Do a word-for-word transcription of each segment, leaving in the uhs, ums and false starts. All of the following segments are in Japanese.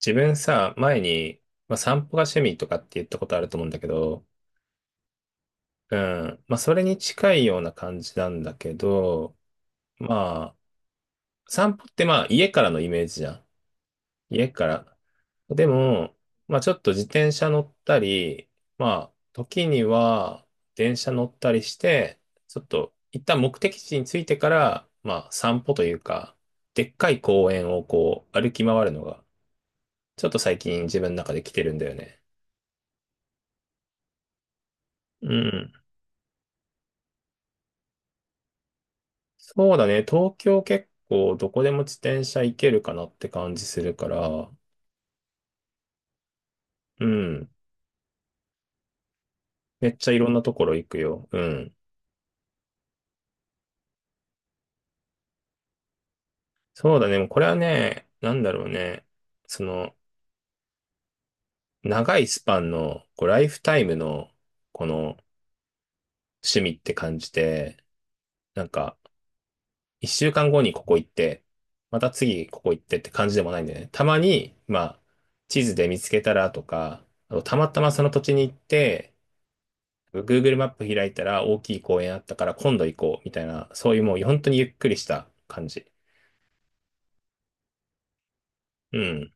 自分さ、前に、まあ、散歩が趣味とかって言ったことあると思うんだけど、うん。まあ、それに近いような感じなんだけど、まあ、散歩ってまあ、家からのイメージじゃん。家から。でも、まあ、ちょっと自転車乗ったり、まあ、時には電車乗ったりして、ちょっと一旦目的地に着いてから、まあ、散歩というか、でっかい公園をこう、歩き回るのが、ちょっと最近自分の中で来てるんだよね。うん、そうだね。東京結構どこでも自転車行けるかなって感じするから、うん。めっちゃいろんなところ行くよ。うん。そうだね。もうこれはね、なんだろうね。その、長いスパンの、こう、ライフタイムの、この趣味って感じで、なんか、一週間後にここ行って、また次ここ行ってって感じでもないんだよね。たまに、まあ、地図で見つけたらとか、あとたまたまその土地に行って、Google マップ開いたら大きい公園あったから今度行こうみたいな、そういうもう本当にゆっくりした感じ。うん。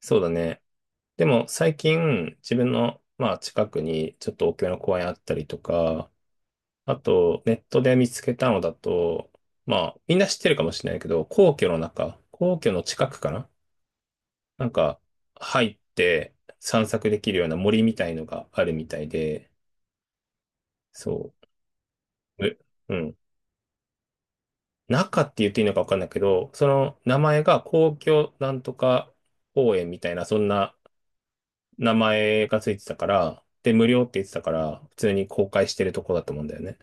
そうだね。でも最近自分のまあ近くにちょっと大きめの公園あったりとか、あとネットで見つけたのだと、まあみんな知ってるかもしれないけど、皇居の中、皇居の近くかな。なんか入って散策できるような森みたいのがあるみたいで、そう。えうん。中って言っていいのかわかんないけど、その名前が皇居なんとか公園みたいな、そんな名前がついてたから、で、無料って言ってたから、普通に公開してるとこだと思うんだよね。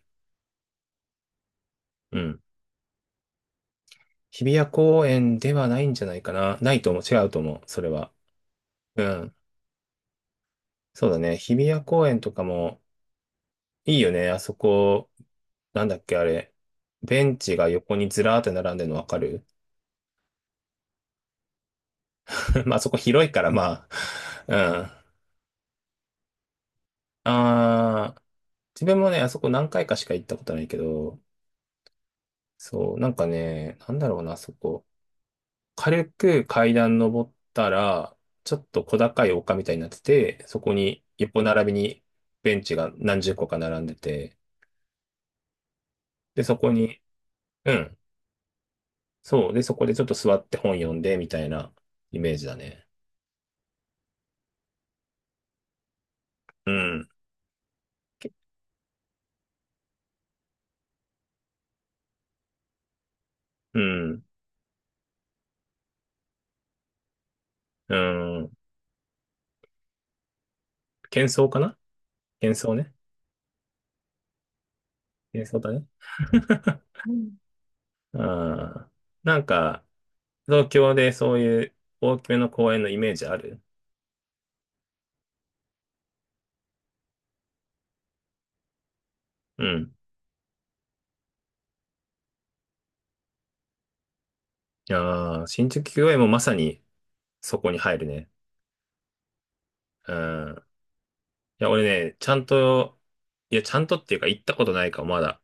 うん。日比谷公園ではないんじゃないかな。ないと思う。違うと思う。それは。うん。そうだね。日比谷公園とかもいいよね。あそこ、なんだっけ、あれ。ベンチが横にずらーって並んでるのわかる？ まあ、あそこ広いから、まあ。うん。あー自分もね、あそこ何回かしか行ったことないけど、そう、なんかね、なんだろうな、あそこ。軽く階段登ったら、ちょっと小高い丘みたいになってて、そこに横並びにベンチが何十個か並んでて、で、そこに、うん、そう、で、そこでちょっと座って本読んで、みたいなイメージだね。うん、けうん、うん、喧騒かな？喧騒ね。喧騒だね。うん。なんか、東京でそういう大きめの公園のイメージある？うん。いやー、新宿御苑もまさにそこに入るね。うん。いや、俺ね、ちゃんと、いや、ちゃんとっていうか行ったことないか、もまだ。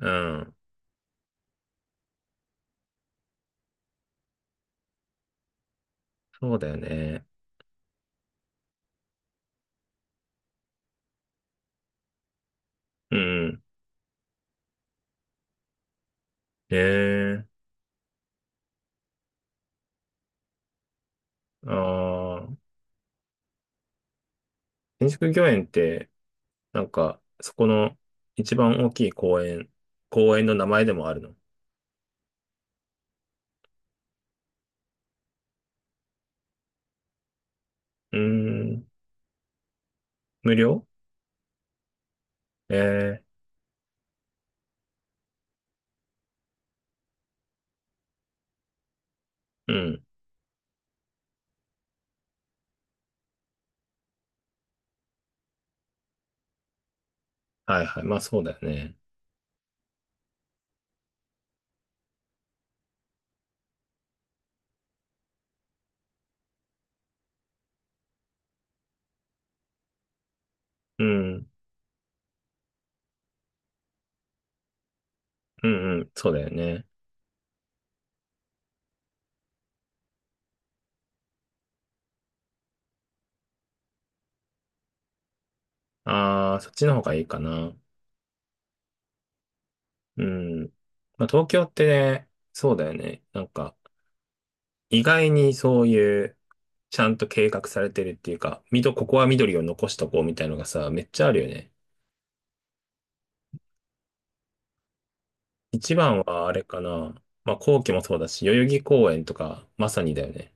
うん。そうだよね。うん。ええ、あー、新宿御苑って、なんか、そこの一番大きい公園、公園の名前でもあるの？うーん。無料？ええ、うん。はいはい。まあそうだよね。うん。うんうん。そうだよね。あー、そっちの方がいいかな。うん。まあ、東京ってね、そうだよね。なんか、意外にそういう、ちゃんと計画されてるっていうか、みど、ここは緑を残しとこうみたいのがさ、めっちゃあるよね。一番はあれかな。まあ、皇居もそうだし、代々木公園とか、まさにだよね。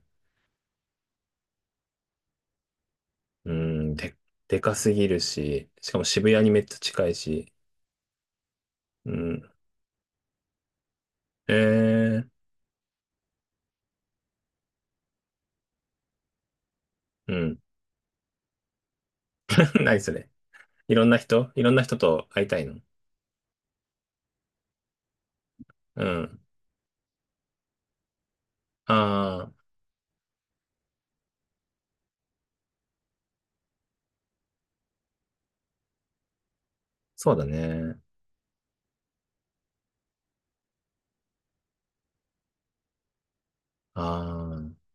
うん、で、でかすぎるし、しかも渋谷にめっちゃ近いし、うん。えー、うん。何それ。いろんな人いろんな人と会いたいの？うん。ああ、そうだね。ああ。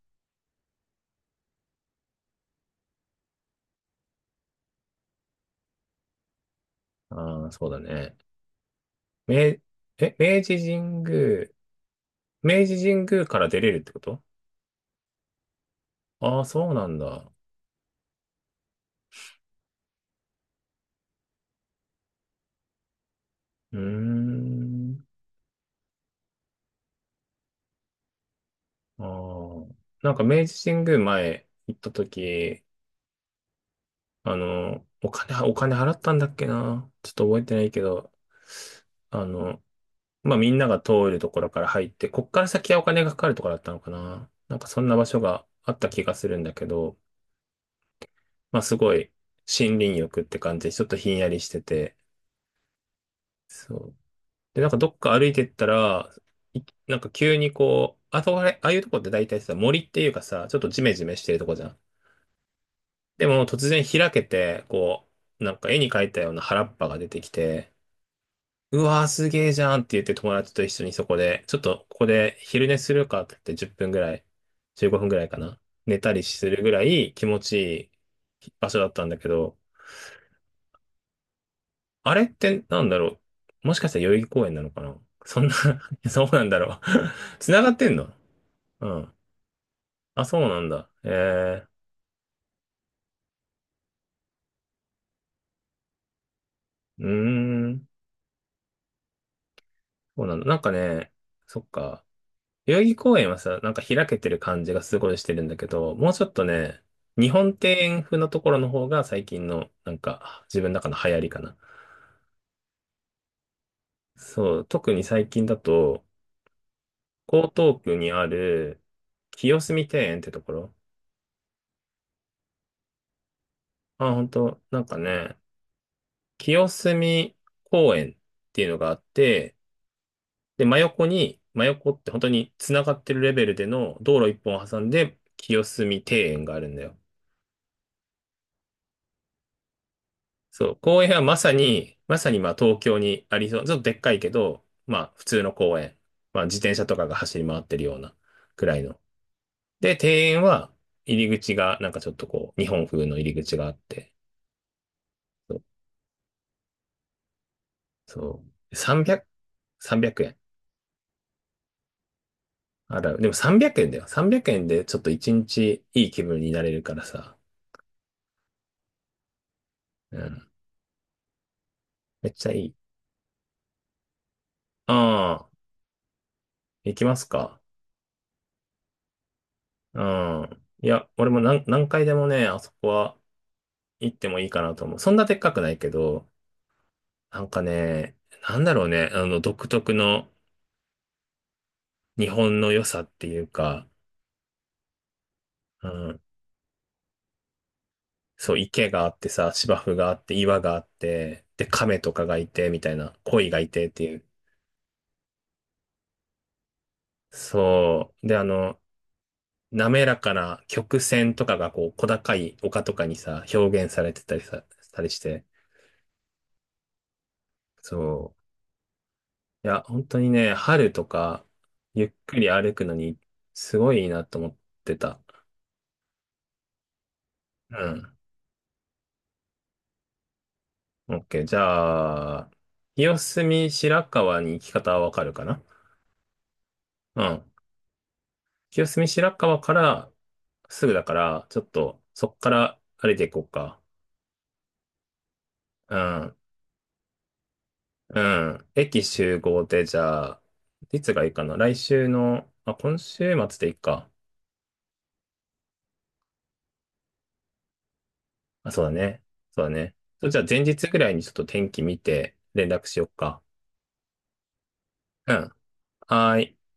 ああ、そうだね。明、え、明治神宮、明治神宮から出れるってこと？ああ、そうなんだ。うーん。ああ。なんか明治神宮前行った時、あの、お金、お金払ったんだっけな。ちょっと覚えてないけど、あの、まあ、みんなが通るところから入って、こっから先はお金がかかるところだったのかな。なんかそんな場所があった気がするんだけど、まあ、すごい森林浴って感じで、ちょっとひんやりしてて、そう。で、なんかどっか歩いてったら、いなんか急にこう、あそこあれ、ああいうとこって大体さ、森っていうかさ、ちょっとジメジメしてるとこじゃん。でも突然開けて、こう、なんか絵に描いたような原っぱが出てきて、うわーすげーじゃんって言って友達と一緒にそこで、ちょっとここで昼寝するかって言ってじゅっぷんぐらい、じゅうごふんぐらいかな。寝たりするぐらい気持ちいい場所だったんだけど、あれってなんだろう、もしかしたら代々木公園なのかな。そんな そうなんだろう？ 繋がってんの？うん。あ、そうなんだ。ええ、うーん。そうなんだ。なんかね、そっか。代々木公園はさ、なんか開けてる感じがすごいしてるんだけど、もうちょっとね、日本庭園風のところの方が最近の、なんか、自分の中の流行りかな。そう、特に最近だと、江東区にある、清澄庭園ってところ。あ、本当なんかね、清澄公園っていうのがあって、で、真横に、真横って本当に繋がってるレベルでの道路一本を挟んで清澄庭園があるんだよ。そう、公園はまさに、まさにまあ東京にありそう、ちょっとでっかいけど、まあ普通の公園。まあ自転車とかが走り回ってるようなくらいの。で、庭園は入り口がなんかちょっとこう、日本風の入り口があって、そう、そう、さんびゃく、円。あら、でもさんびゃくえんだよ。さんびゃくえんでちょっと一日いい気分になれるからさ。うん。めっちゃいい。ああ。行きますか？うん。いや、俺も何、何回でもね、あそこは行ってもいいかなと思う。そんなでっかくないけど、なんかね、なんだろうね、あの、独特の日本の良さっていうか、うん。そう、池があってさ、芝生があって、岩があって、で、亀とかがいて、みたいな、鯉がいてっていう。そう。で、あの、滑らかな曲線とかがこう、小高い丘とかにさ、表現されてたりさ、したりして、そう。いや、本当にね、春とか、ゆっくり歩くのに、すごいいいなと思ってた。うん。OK。じゃあ、清澄白河に行き方はわかるかな？うん。清澄白河から、すぐだから、ちょっと、そっから歩いていこうか。うん。うん。駅集合で、じゃあ、いつがいいかな。来週の、あ、今週末でいいか。あ、そうだね。そうだね。じゃあ、前日ぐらいにちょっと天気見て、連絡しようか。うん。はーい。